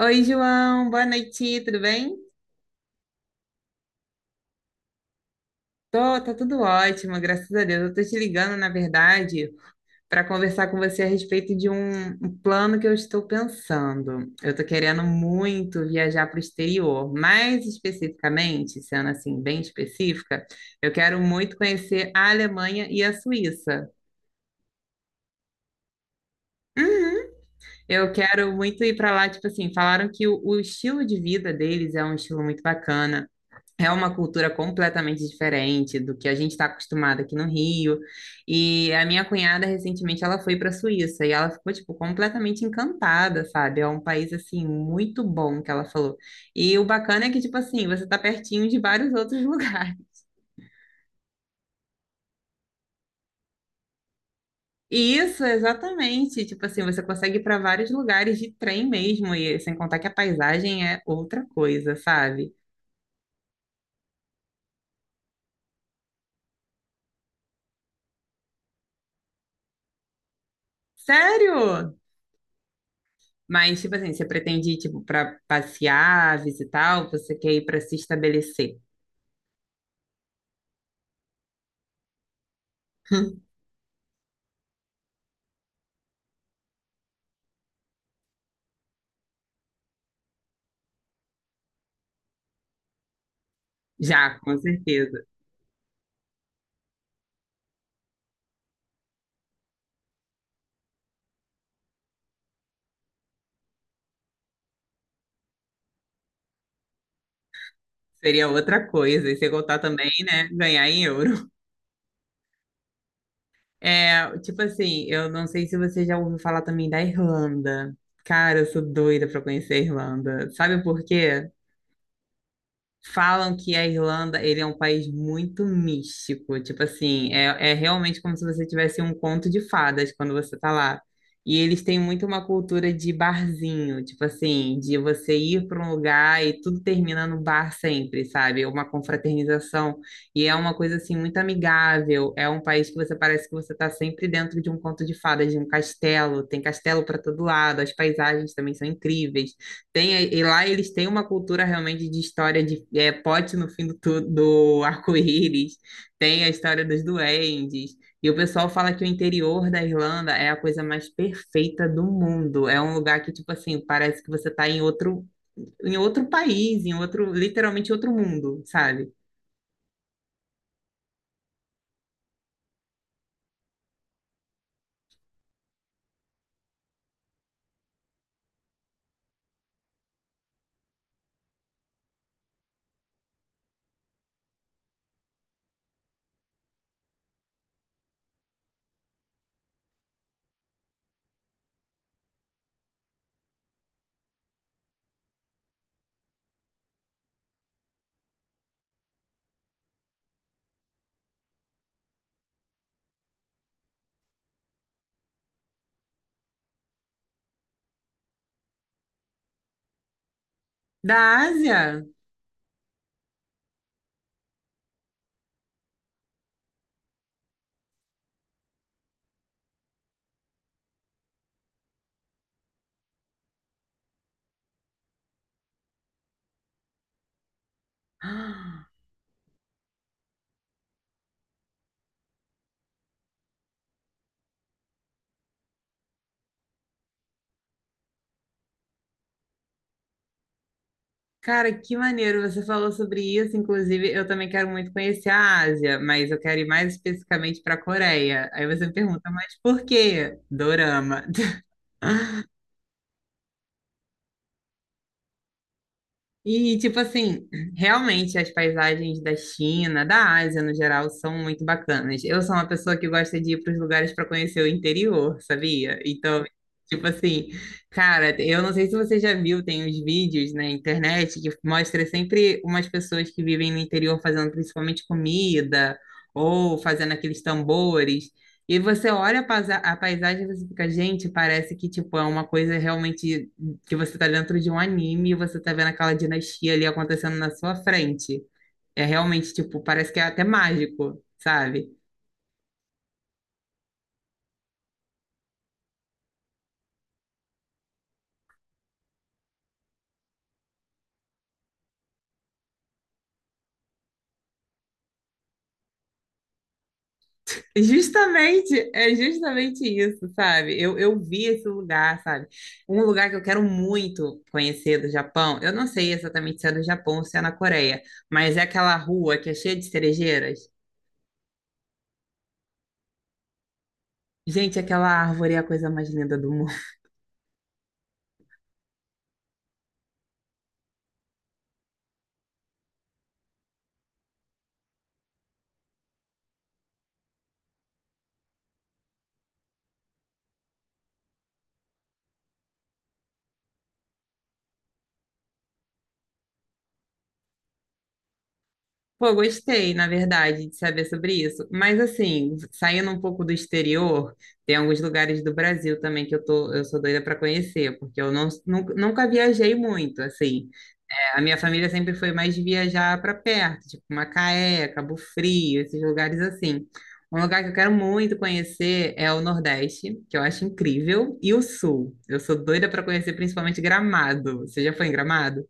Oi, João, boa noite, tudo bem? Tô, tá tudo ótimo, graças a Deus. Eu tô te ligando, na verdade, para conversar com você a respeito de um plano que eu estou pensando. Eu tô querendo muito viajar para o exterior, mais especificamente, sendo assim bem específica, eu quero muito conhecer a Alemanha e a Suíça. Uhum. Eu quero muito ir para lá, tipo assim, falaram que o estilo de vida deles é um estilo muito bacana. É uma cultura completamente diferente do que a gente está acostumado aqui no Rio. E a minha cunhada, recentemente, ela foi para a Suíça e ela ficou, tipo, completamente encantada, sabe? É um país, assim, muito bom, que ela falou. E o bacana é que, tipo assim, você está pertinho de vários outros lugares. E isso, exatamente. Tipo assim, você consegue ir para vários lugares de trem mesmo, e sem contar que a paisagem é outra coisa, sabe? Sério? Mas, tipo assim, você pretende ir, tipo, para passear, visitar, ou você quer ir para se estabelecer? Já, com certeza. Seria outra coisa. E você contar também, né? Ganhar em euro. É, tipo assim, eu não sei se você já ouviu falar também da Irlanda. Cara, eu sou doida pra conhecer a Irlanda. Sabe por quê? Falam que a Irlanda, ele é um país muito místico, tipo assim, é realmente como se você tivesse um conto de fadas quando você tá lá. E eles têm muito uma cultura de barzinho, tipo assim, de você ir para um lugar e tudo termina no bar sempre, sabe? É uma confraternização. E é uma coisa assim muito amigável. É um país que você parece que você tá sempre dentro de um conto de fadas, de um castelo. Tem castelo para todo lado, as paisagens também são incríveis. Tem, e lá eles têm uma cultura realmente de história de é, pote no fim do arco-íris, tem a história dos duendes, e o pessoal fala que o interior da Irlanda é a coisa mais perfeita do mundo. É um lugar que, tipo assim, parece que você está em outro país, em outro, literalmente outro mundo, sabe? Da Ásia? Cara, que maneiro você falou sobre isso. Inclusive, eu também quero muito conhecer a Ásia, mas eu quero ir mais especificamente para a Coreia. Aí você me pergunta, mas por quê? Dorama. E, tipo assim, realmente as paisagens da China, da Ásia no geral, são muito bacanas. Eu sou uma pessoa que gosta de ir para os lugares para conhecer o interior, sabia? Então, tipo assim, cara, eu não sei se você já viu, tem os vídeos na internet que mostra sempre umas pessoas que vivem no interior fazendo principalmente comida ou fazendo aqueles tambores. E você olha a a paisagem e você fica, gente, parece que tipo é uma coisa realmente que você tá dentro de um anime e você tá vendo aquela dinastia ali acontecendo na sua frente. É realmente, tipo, parece que é até mágico, sabe? Justamente, é justamente isso, sabe? Eu vi esse lugar, sabe? Um lugar que eu quero muito conhecer do Japão. Eu não sei exatamente se é do Japão ou se é na Coreia, mas é aquela rua que é cheia de cerejeiras. Gente, aquela árvore é a coisa mais linda do mundo. Pô, gostei, na verdade, de saber sobre isso. Mas assim, saindo um pouco do exterior, tem alguns lugares do Brasil também que eu tô, eu sou doida para conhecer, porque eu nunca viajei muito, assim. É, a minha família sempre foi mais de viajar para perto, tipo Macaé, Cabo Frio, esses lugares assim. Um lugar que eu quero muito conhecer é o Nordeste, que eu acho incrível, e o Sul. Eu sou doida para conhecer principalmente Gramado. Você já foi em Gramado?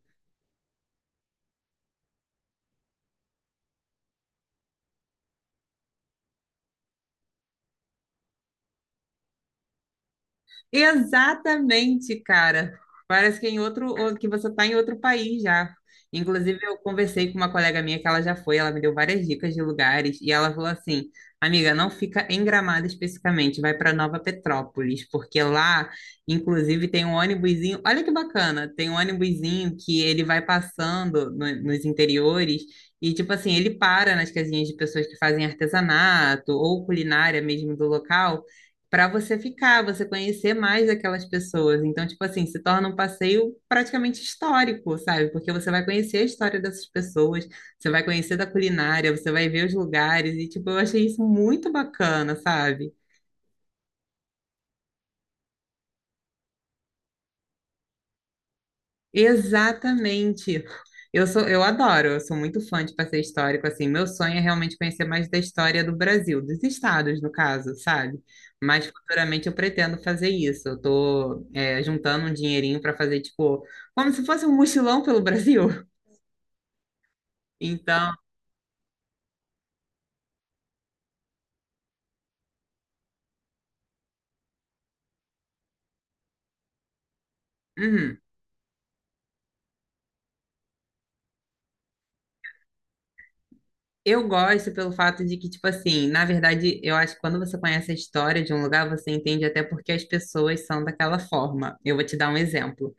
Exatamente, cara. Parece que em outro, que você está em outro país já. Inclusive, eu conversei com uma colega minha que ela já foi, ela me deu várias dicas de lugares e ela falou assim: "Amiga, não fica em Gramado especificamente, vai para Nova Petrópolis, porque lá, inclusive, tem um ônibusinho. Olha que bacana, tem um ônibusinho que ele vai passando nos interiores e tipo assim, ele para nas casinhas de pessoas que fazem artesanato ou culinária mesmo do local para você ficar, você conhecer mais aquelas pessoas. Então, tipo assim, se torna um passeio praticamente histórico, sabe? Porque você vai conhecer a história dessas pessoas, você vai conhecer da culinária, você vai ver os lugares, e tipo, eu achei isso muito bacana, sabe? Exatamente. Eu sou, eu adoro, eu sou muito fã de passeio histórico, assim, meu sonho é realmente conhecer mais da história do Brasil, dos estados, no caso, sabe? Mas futuramente eu pretendo fazer isso. Eu tô, é, juntando um dinheirinho para fazer, tipo, como se fosse um mochilão pelo Brasil. Então, uhum. Eu gosto pelo fato de que, tipo assim, na verdade, eu acho que quando você conhece a história de um lugar, você entende até porque as pessoas são daquela forma. Eu vou te dar um exemplo.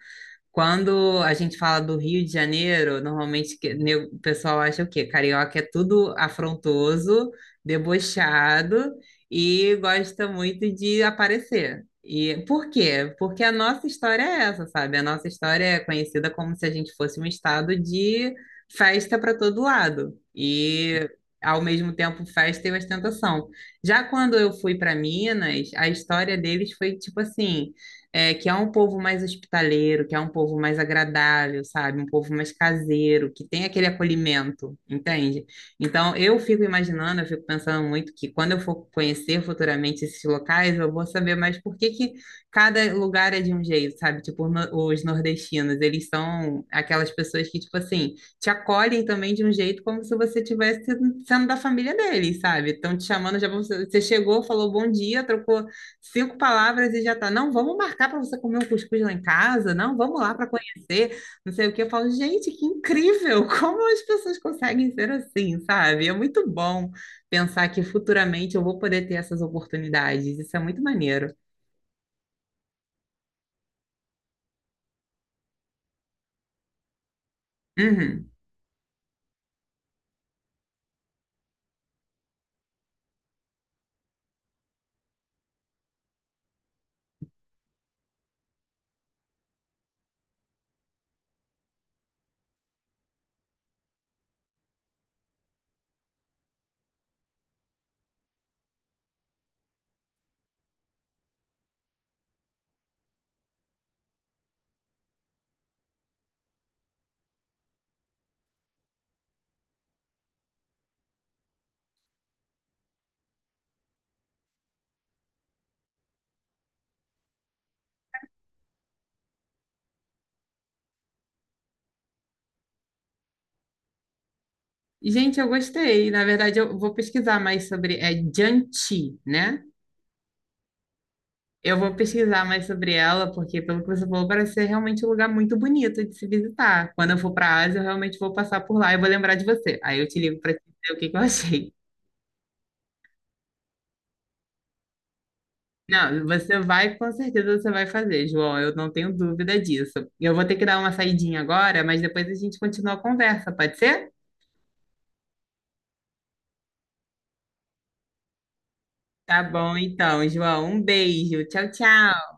Quando a gente fala do Rio de Janeiro, normalmente o pessoal acha o quê? Carioca é tudo afrontoso, debochado e gosta muito de aparecer. E por quê? Porque a nossa história é essa, sabe? A nossa história é conhecida como se a gente fosse um estado de festa para todo lado. E ao mesmo tempo festa e ostentação. Já quando eu fui para Minas, a história deles foi tipo assim, é, que é um povo mais hospitaleiro, que é um povo mais agradável, sabe? Um povo mais caseiro, que tem aquele acolhimento, entende? Então, eu fico imaginando, eu fico pensando muito que quando eu for conhecer futuramente esses locais, eu vou saber mais por que que cada lugar é de um jeito, sabe? Tipo, os nordestinos, eles são aquelas pessoas que, tipo assim, te acolhem também de um jeito como se você tivesse sendo da família deles, sabe? Estão te chamando, você chegou, falou bom dia, trocou cinco palavras e já tá. Não, vamos marcar para você comer um cuscuz lá em casa. Não, vamos lá para conhecer. Não sei o que. Eu falo, gente, que incrível! Como as pessoas conseguem ser assim, sabe? É muito bom pensar que futuramente eu vou poder ter essas oportunidades. Isso é muito maneiro. Uhum. Gente, eu gostei. Na verdade, eu vou pesquisar mais sobre. É Jiangxi, né? Eu vou pesquisar mais sobre ela, porque pelo que você falou, parece ser realmente um lugar muito bonito de se visitar. Quando eu for para a Ásia, eu realmente vou passar por lá e vou lembrar de você. Aí eu te ligo para te dizer o que que eu achei. Não, você vai, com certeza você vai fazer, João. Eu não tenho dúvida disso. Eu vou ter que dar uma saidinha agora, mas depois a gente continua a conversa, pode ser? Tá bom, então, João. Um beijo. Tchau, tchau.